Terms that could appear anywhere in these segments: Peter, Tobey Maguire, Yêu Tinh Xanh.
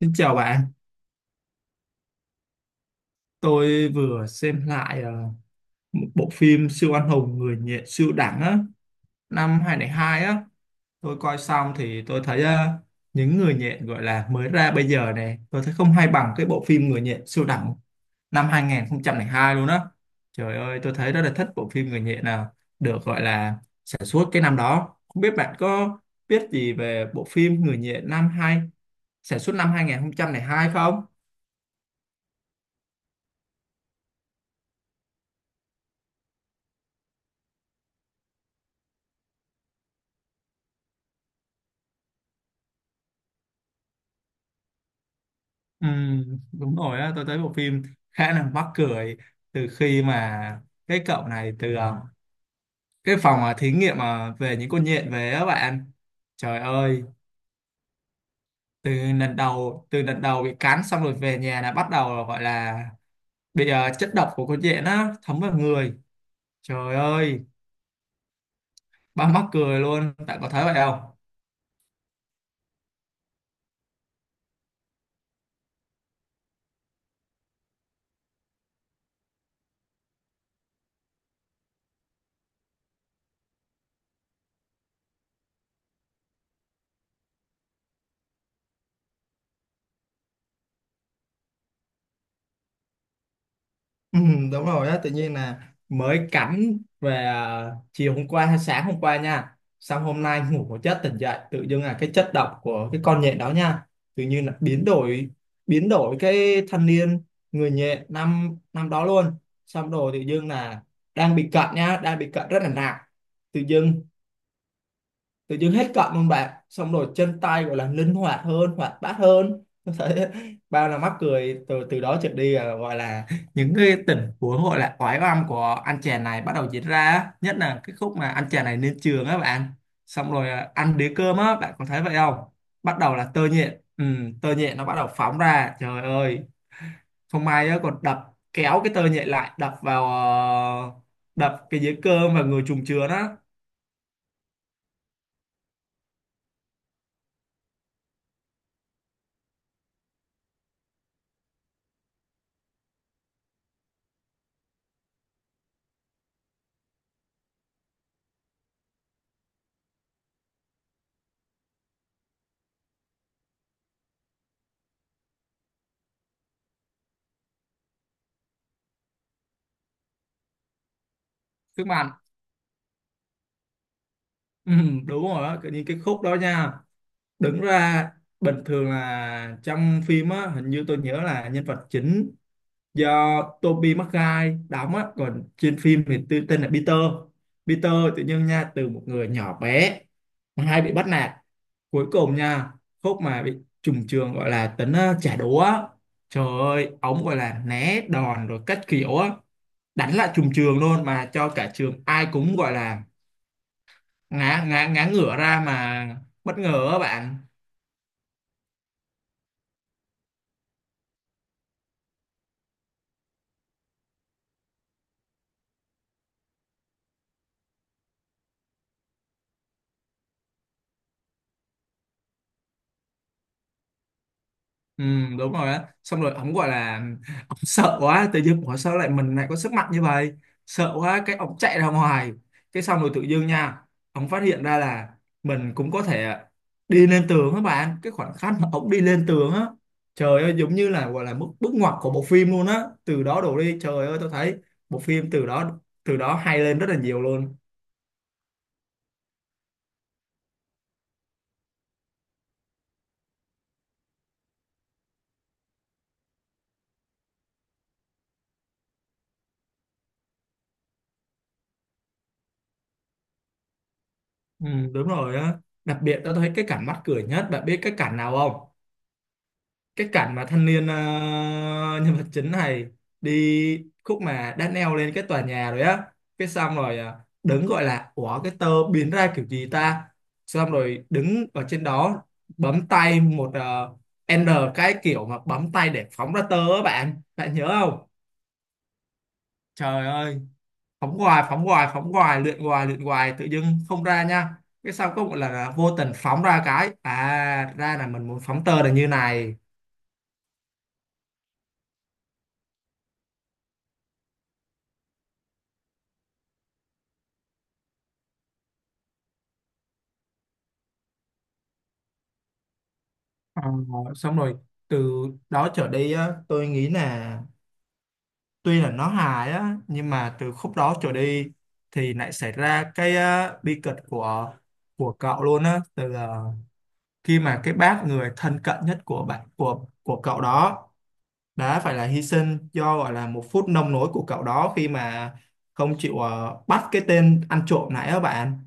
Xin chào bạn, tôi vừa xem lại một bộ phim siêu anh hùng người nhện siêu đẳng á, năm 2002 á. Tôi coi xong thì tôi thấy những người nhện gọi là mới ra bây giờ này, tôi thấy không hay bằng cái bộ phim người nhện siêu đẳng năm 2002 luôn á. Trời ơi, tôi thấy rất là thích bộ phim người nhện nào được gọi là sản xuất cái năm đó. Không biết bạn có biết gì về bộ phim người nhện năm hai sản xuất năm 2002 không? Ừ, đúng rồi á, tôi thấy bộ phim khá là mắc cười từ khi mà cái cậu này từ cái phòng thí nghiệm về những con nhện về á bạn, trời ơi, từ từ lần đầu bị cắn xong rồi về nhà là bắt đầu là gọi là bị chất độc của con nhện á thấm vào người, trời ơi, ba mắc cười luôn, bạn có thấy vậy không? Ừ, đúng rồi á, tự nhiên là mới cắm về, à, chiều hôm qua hay sáng hôm qua nha, xong hôm nay ngủ một giấc tỉnh dậy tự dưng là cái chất độc của cái con nhện đó nha tự nhiên là biến đổi, biến đổi cái thanh niên người nhện năm năm đó luôn. Xong rồi tự dưng là đang bị cận nha, đang bị cận rất là nặng, tự dưng tự dưng hết cận luôn bạn, xong rồi chân tay gọi là linh hoạt hơn, hoạt bát hơn. Tôi thấy bao là mắc cười. Từ từ đó trở đi là gọi là những cái tình huống gọi là oái oăm của anh chàng này bắt đầu diễn ra, nhất là cái khúc mà anh chàng này lên trường á bạn, xong rồi ăn đĩa cơm á, bạn có thấy vậy không? Bắt đầu là tơ nhện, ừ, tơ nhện nó bắt đầu phóng ra, trời ơi, không may á còn đập, kéo cái tơ nhện lại đập vào, đập cái dĩa cơm và người trùng chứa đó, các bạn. Ừ, đúng rồi á, những cái khúc đó nha, đứng ra bình thường là trong phim á hình như tôi nhớ là nhân vật chính do Tobey Maguire đóng á, còn trên phim thì tên là Peter. Peter tự nhiên nha, từ một người nhỏ bé mà hay bị bắt nạt, cuối cùng nha khúc mà bị trùng trường gọi là tính trả đũa á, trời ơi ống gọi là né đòn rồi cách kiểu á, đánh lại trùng trường luôn mà cho cả trường ai cũng gọi là ngã ngã ngã ngửa ra mà bất ngờ á bạn. Ừ, đúng rồi á, xong rồi ông gọi là ông sợ quá, tự dưng ủa sao lại mình lại có sức mạnh như vậy, sợ quá cái ông chạy ra ngoài, cái xong rồi tự dưng nha ông phát hiện ra là mình cũng có thể đi lên tường, các bạn cái khoảnh khắc mà ông đi lên tường á, trời ơi, giống như là gọi là bước bước ngoặt của bộ phim luôn á. Từ đó đổ đi, trời ơi, tôi thấy bộ phim từ đó hay lên rất là nhiều luôn. Ừ, đúng rồi á, đặc biệt tao thấy cái cảnh mắc cười nhất, bạn biết cái cảnh nào không? Cái cảnh mà thanh niên nhân vật chính này đi khúc mà đã leo lên cái tòa nhà rồi á, cái xong rồi đứng gọi là ủa cái tơ biến ra kiểu gì ta, xong rồi đứng ở trên đó bấm tay một N, cái kiểu mà bấm tay để phóng ra tơ á bạn, bạn nhớ không? Trời ơi, phóng hoài phóng hoài, luyện hoài luyện hoài, tự dưng không ra nha, cái sau có một lần là vô tình phóng ra cái, à ra là mình muốn phóng tơ là như này. Ờ, Xong rồi từ đó trở đi á, tôi nghĩ là tuy là nó hài á nhưng mà từ khúc đó trở đi thì lại xảy ra cái bi kịch của cậu luôn á, từ khi mà cái bác người thân cận nhất của bạn của cậu đó đã phải là hy sinh do gọi là một phút nông nổi của cậu đó, khi mà không chịu bắt cái tên ăn trộm này á bạn,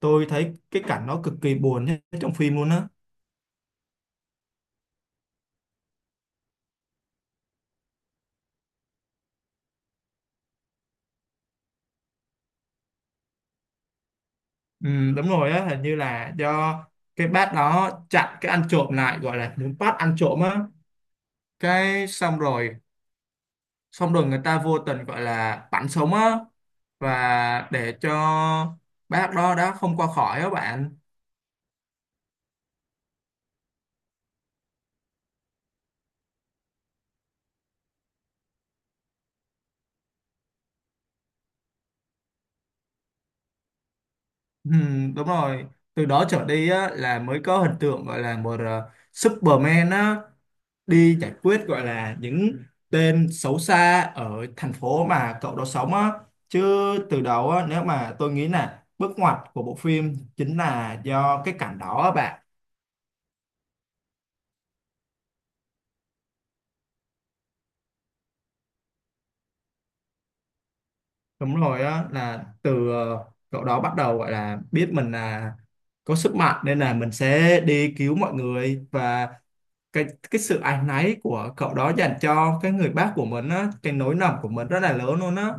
tôi thấy cái cảnh nó cực kỳ buồn nhất trong phim luôn á. Ừ, đúng rồi á, hình như là do cái bác đó chặn cái ăn trộm lại gọi là muốn bắt ăn trộm á, cái xong rồi người ta vô tình gọi là bắn sống á, và để cho bác đó đã không qua khỏi á bạn. Ừ, đúng rồi, từ đó trở đi á, là mới có hình tượng gọi là một Superman á, đi giải quyết gọi là những tên xấu xa ở thành phố mà cậu đó sống á, chứ từ đầu á, nếu mà tôi nghĩ là bước ngoặt của bộ phim chính là do cái cảnh đó á bạn. Đúng rồi á, là từ cậu đó bắt đầu gọi là biết mình là có sức mạnh nên là mình sẽ đi cứu mọi người, và cái cái sự áy náy của cậu đó dành cho cái người bác của mình á, cái nỗi lầm của mình rất là lớn luôn á.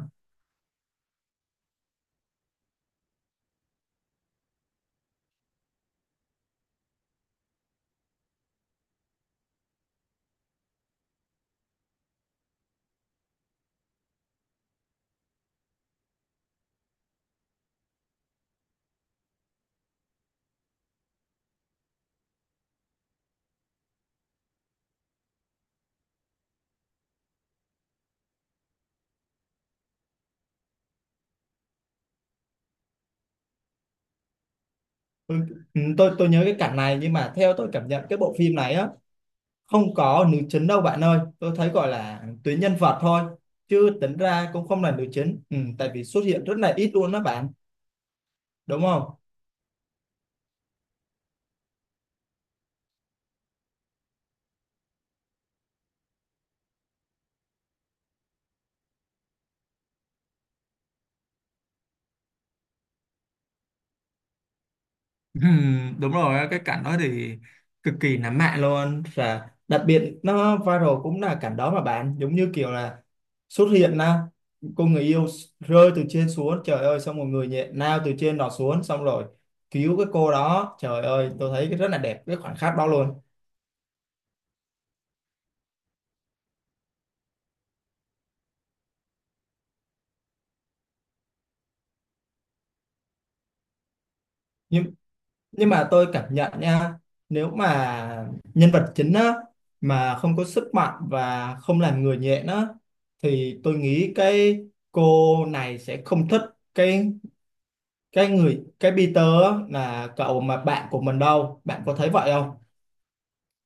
Ừ, ừ, tôi nhớ cái cảnh này nhưng mà theo tôi cảm nhận cái bộ phim này á không có nữ chính đâu bạn ơi, tôi thấy gọi là tuyến nhân vật thôi, chứ tính ra cũng không là nữ chính, ừ, tại vì xuất hiện rất là ít luôn đó bạn, đúng không? Đúng rồi cái cảnh đó thì cực kỳ nắm mạng luôn, và đặc biệt nó viral cũng là cảnh đó mà bạn, giống như kiểu là xuất hiện là cô người yêu rơi từ trên xuống, trời ơi, xong một người nhẹ nào từ trên đó xuống xong rồi cứu cái cô đó, trời ơi tôi thấy cái rất là đẹp cái khoảnh khắc đó luôn. Nhưng mà tôi cảm nhận nha, nếu mà nhân vật chính á mà không có sức mạnh và không làm người nhện á, thì tôi nghĩ cái cô này sẽ không thích cái cái người cái Peter á, là cậu mà bạn của mình đâu, bạn có thấy vậy không?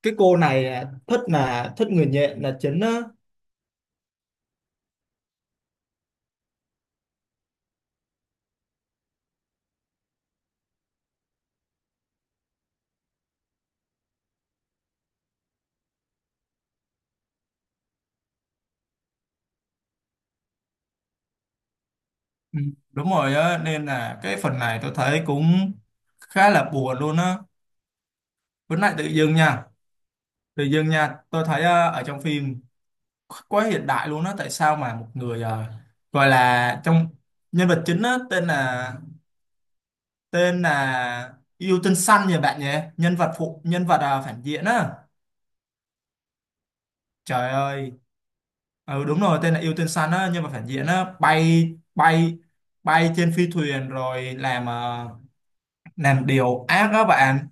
Cái cô này là thích người nhện là chính á. Ừ, đúng rồi á, nên là cái phần này tôi thấy cũng khá là buồn luôn á. Với lại tự dưng nha, tự dưng nha tôi thấy ở trong phim quá hiện đại luôn á, tại sao mà một người gọi là trong nhân vật chính á, tên là Yêu Tinh Xanh nhỉ bạn nhỉ, nhân vật phụ, nhân vật phản diện á, trời ơi, ừ đúng rồi tên là Yêu Tinh Xanh á, nhân vật phản diện á, bay bay bay trên phi thuyền rồi làm làm điều ác đó bạn.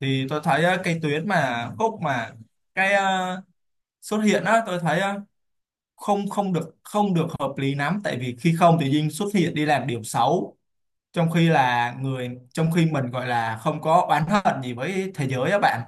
Thì tôi thấy cái tuyến mà khúc mà cái xuất hiện á, tôi thấy không không được không được hợp lý lắm, tại vì khi không thì Dinh xuất hiện đi làm điều xấu, trong khi mình gọi là không có oán hận gì với thế giới á bạn.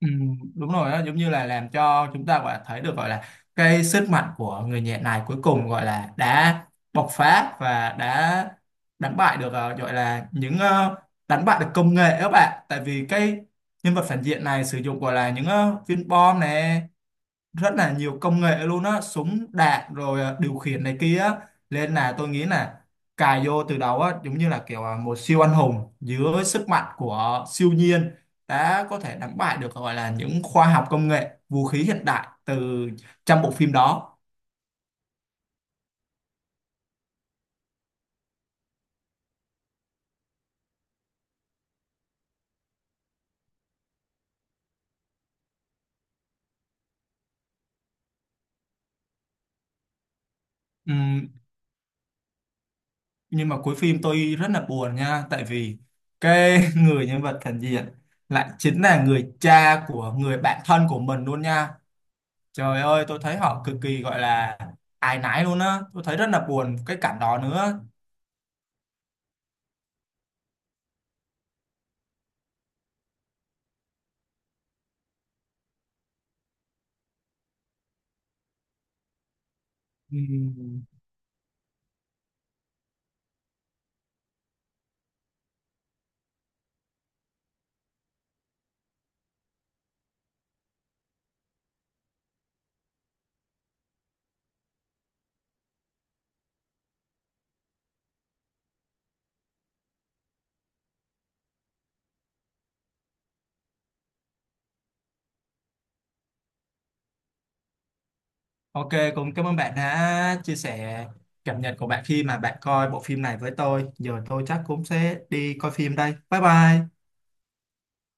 Ừ, đúng rồi đó, giống như là làm cho chúng ta gọi là thấy được gọi là cái sức mạnh của người nhẹ này cuối cùng gọi là đã bộc phá và đã đánh bại được, gọi là những đánh bại được công nghệ các bạn, tại vì cái nhân vật phản diện này sử dụng gọi là những viên bom này rất là nhiều công nghệ luôn á, súng đạn rồi, điều khiển này kia á. Nên là tôi nghĩ là cài vô từ đầu á, giống như là kiểu một siêu anh hùng dưới sức mạnh của siêu nhiên đã có thể đánh bại được gọi là những khoa học công nghệ vũ khí hiện đại từ trong bộ phim đó. Ừm, nhưng mà cuối phim tôi rất là buồn nha, tại vì cái người nhân vật phản diện lại chính là người cha của người bạn thân của mình luôn nha. Trời ơi, tôi thấy họ cực kỳ gọi là áy náy luôn á. Tôi thấy rất là buồn cái cảnh đó nữa. Ừm, Ok, cũng cảm ơn bạn đã chia sẻ cảm nhận của bạn khi mà bạn coi bộ phim này với tôi. Giờ tôi chắc cũng sẽ đi coi phim đây. Bye bye.